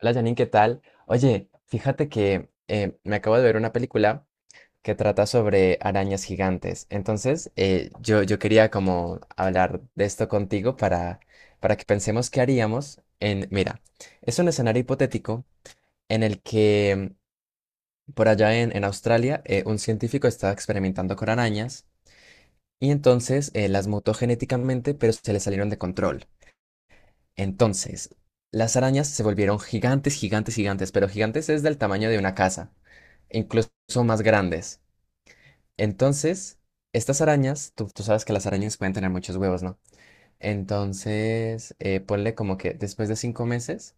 Hola Janine, ¿qué tal? Oye, fíjate que me acabo de ver una película que trata sobre arañas gigantes. Entonces, yo quería como hablar de esto contigo para que pensemos qué haríamos Mira, es un escenario hipotético en el que por allá en Australia un científico estaba experimentando con arañas y entonces las mutó genéticamente, pero se le salieron de control. Entonces, las arañas se volvieron gigantes, gigantes, gigantes, pero gigantes es del tamaño de una casa, e incluso más grandes. Entonces, estas arañas, tú sabes que las arañas pueden tener muchos huevos, ¿no? Entonces, ponle como que después de 5 meses,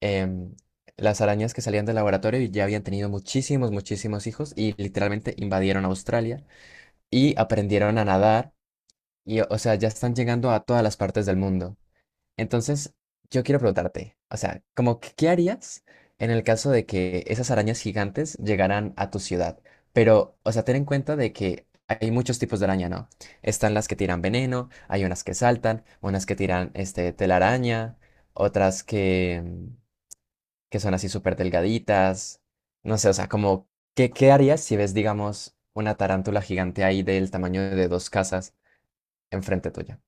em, las arañas que salían del laboratorio ya habían tenido muchísimos, muchísimos hijos y literalmente invadieron Australia y aprendieron a nadar y, o sea, ya están llegando a todas las partes del mundo. Entonces, yo quiero preguntarte, o sea, como que ¿qué harías en el caso de que esas arañas gigantes llegaran a tu ciudad? Pero, o sea, ten en cuenta de que hay muchos tipos de araña, ¿no? Están las que tiran veneno, hay unas que saltan, unas que tiran este telaraña, otras que, que son así súper delgaditas. No sé, o sea, como, ¿qué harías si ves, digamos, una tarántula gigante ahí del tamaño de dos casas enfrente tuya?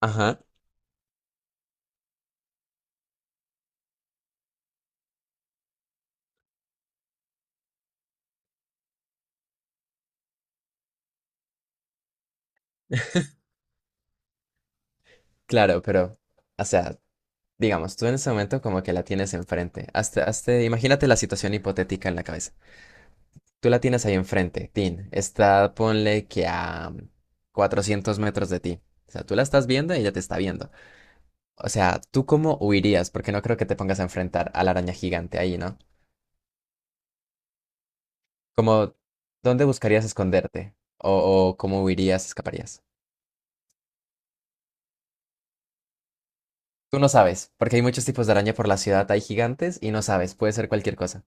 Ajá, claro, pero, o sea, digamos, tú en ese momento como que la tienes enfrente. Hasta, imagínate la situación hipotética en la cabeza. Tú la tienes ahí enfrente, Tin. Está, ponle que a 400 metros de ti. O sea, tú la estás viendo y ella te está viendo. O sea, ¿tú cómo huirías? Porque no creo que te pongas a enfrentar a la araña gigante ahí, ¿no? Como, ¿dónde buscarías esconderte? O cómo huirías, escaparías. Tú no sabes, porque hay muchos tipos de araña por la ciudad. Hay gigantes y no sabes. Puede ser cualquier cosa.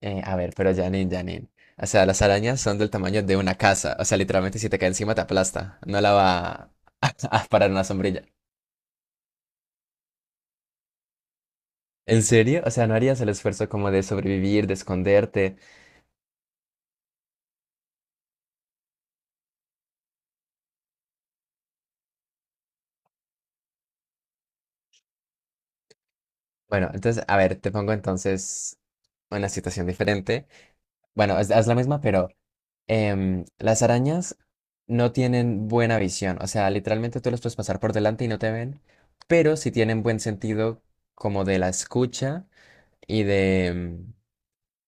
A ver, pero Janine, Janine. O sea, las arañas son del tamaño de una casa. O sea, literalmente si te cae encima te aplasta. No la va a, a parar una sombrilla. ¿En serio? O sea, ¿no harías el esfuerzo como de sobrevivir, de esconderte? Bueno, entonces, a ver, te pongo entonces una situación diferente. Bueno, es la misma, pero las arañas no tienen buena visión. O sea, literalmente tú las puedes pasar por delante y no te ven, pero sí tienen buen sentido como de la escucha y de... em,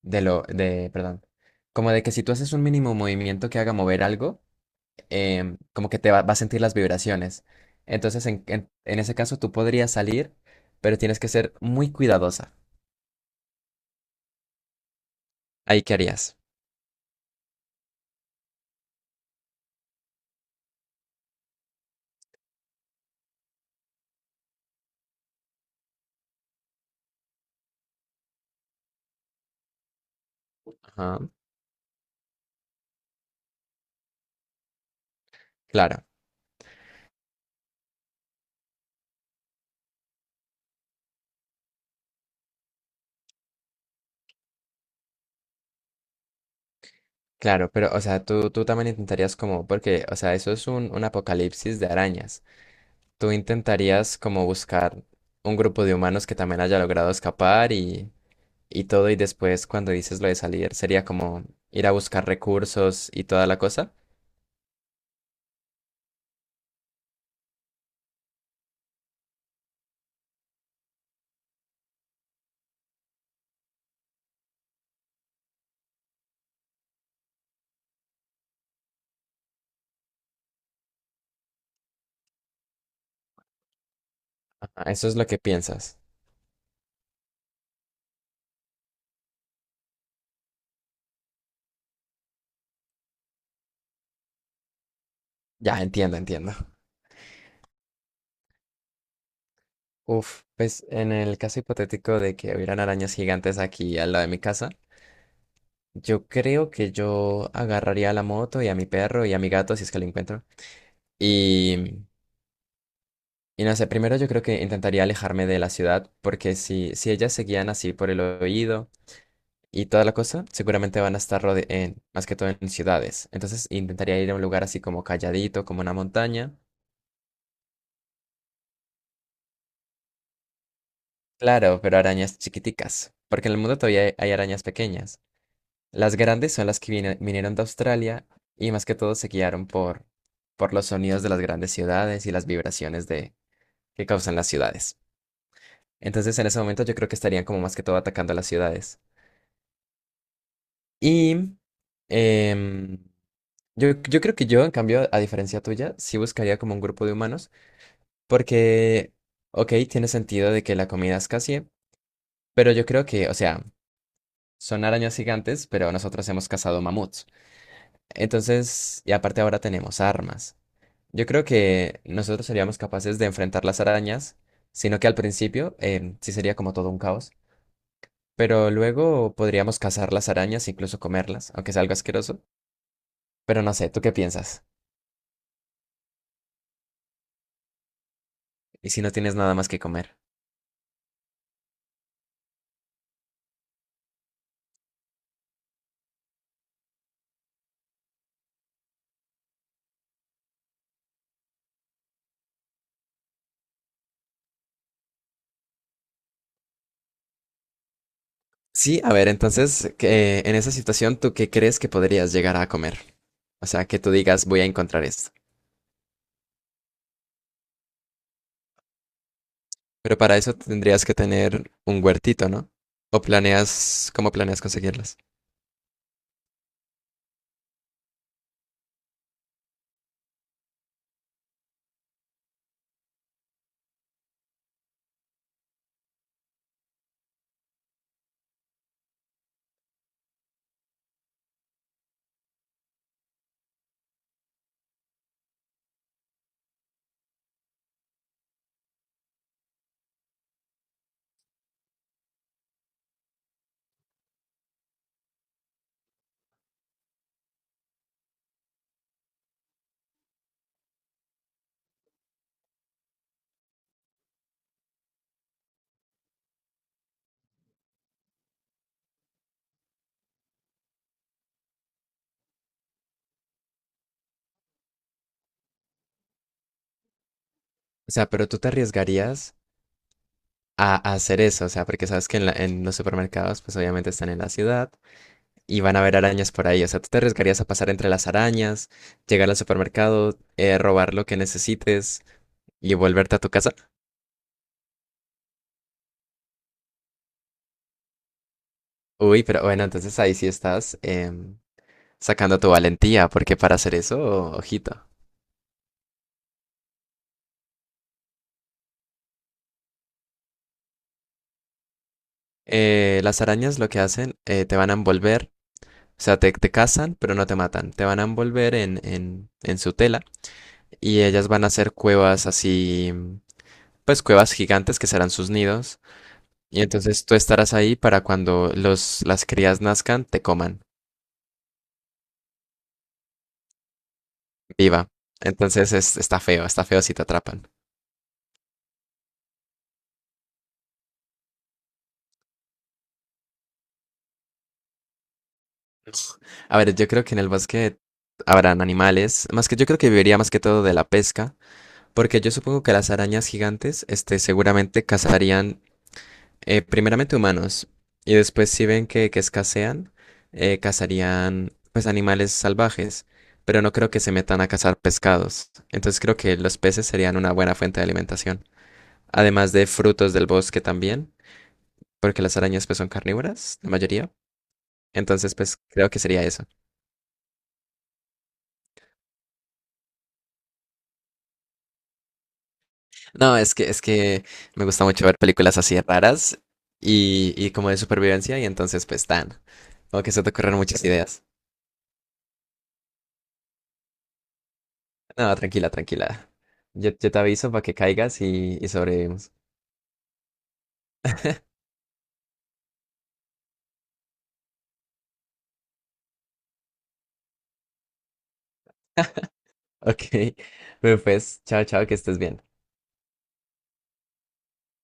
de lo, de, perdón, como de que si tú haces un mínimo movimiento que haga mover algo, como que te va a sentir las vibraciones. Entonces, en, en ese caso, tú podrías salir, pero tienes que ser muy cuidadosa. Ahí, ¿qué harías? Ajá, claro, claro, pero, o sea, tú también intentarías como, porque, o sea, eso es un apocalipsis de arañas. Tú intentarías como buscar un grupo de humanos que también haya logrado escapar y todo, y después cuando dices lo de salir, sería como ir a buscar recursos y toda la cosa. Ajá, eso es lo que piensas. Ya, entiendo, entiendo. Uf, pues en el caso hipotético de que hubieran arañas gigantes aquí al lado de mi casa, yo creo que yo agarraría a la moto y a mi perro y a mi gato si es que lo encuentro. Y, y no sé, primero yo creo que intentaría alejarme de la ciudad porque si ellas seguían así por el oído y toda la cosa, seguramente van a estar más que todo en ciudades. Entonces intentaría ir a un lugar así como calladito, como una montaña. Claro, pero arañas chiquiticas, porque en el mundo todavía hay arañas pequeñas. Las grandes son las que vinieron de Australia y más que todo se guiaron por los sonidos de las grandes ciudades y las vibraciones que causan las ciudades. Entonces en ese momento yo creo que estarían como más que todo atacando las ciudades. Y em, yo creo que yo, en cambio, a diferencia tuya, sí buscaría como un grupo de humanos. Porque, ok, tiene sentido de que la comida escasee, pero yo creo que, o sea, son arañas gigantes, pero nosotros hemos cazado mamuts. Entonces, y aparte ahora tenemos armas. Yo creo que nosotros seríamos capaces de enfrentar las arañas, sino que al principio sí sería como todo un caos, pero luego podríamos cazar las arañas, incluso comerlas, aunque sea algo asqueroso. Pero no sé, ¿tú qué piensas? ¿Y si no tienes nada más que comer? Sí, a ver, entonces, que, en esa situación, ¿tú qué crees que podrías llegar a comer? O sea, que tú digas, voy a encontrar esto. Pero para eso tendrías que tener un huertito, ¿no? ¿O planeas, cómo planeas conseguirlas? O sea, pero tú te arriesgarías a hacer eso, o sea, porque sabes que en, en los supermercados, pues obviamente están en la ciudad y van a haber arañas por ahí. O sea, tú te arriesgarías a pasar entre las arañas, llegar al supermercado, robar lo que necesites y volverte a tu casa. Uy, pero bueno, entonces ahí sí estás sacando tu valentía, porque para hacer eso, ojito. Las arañas lo que hacen, te van a envolver, o sea, te cazan, pero no te matan. Te van a envolver en, en su tela y ellas van a hacer cuevas así, pues cuevas gigantes que serán sus nidos. Y entonces tú estarás ahí para cuando las crías nazcan, te coman viva. Entonces está feo si te atrapan. A ver, yo creo que en el bosque habrán animales, más que yo creo que viviría más que todo de la pesca, porque yo supongo que las arañas gigantes, seguramente cazarían primeramente humanos, y después si ven que escasean, cazarían pues animales salvajes, pero no creo que se metan a cazar pescados. Entonces creo que los peces serían una buena fuente de alimentación. Además de frutos del bosque también, porque las arañas pues son carnívoras, la mayoría. Entonces pues creo que sería eso. No, es que me gusta mucho ver películas así raras y como de supervivencia y entonces pues como que se te ocurren muchas ideas. No, tranquila, tranquila. Yo te aviso para que caigas y sobrevivimos. Ok. Bueno, pues, chao, chao, que estés bien.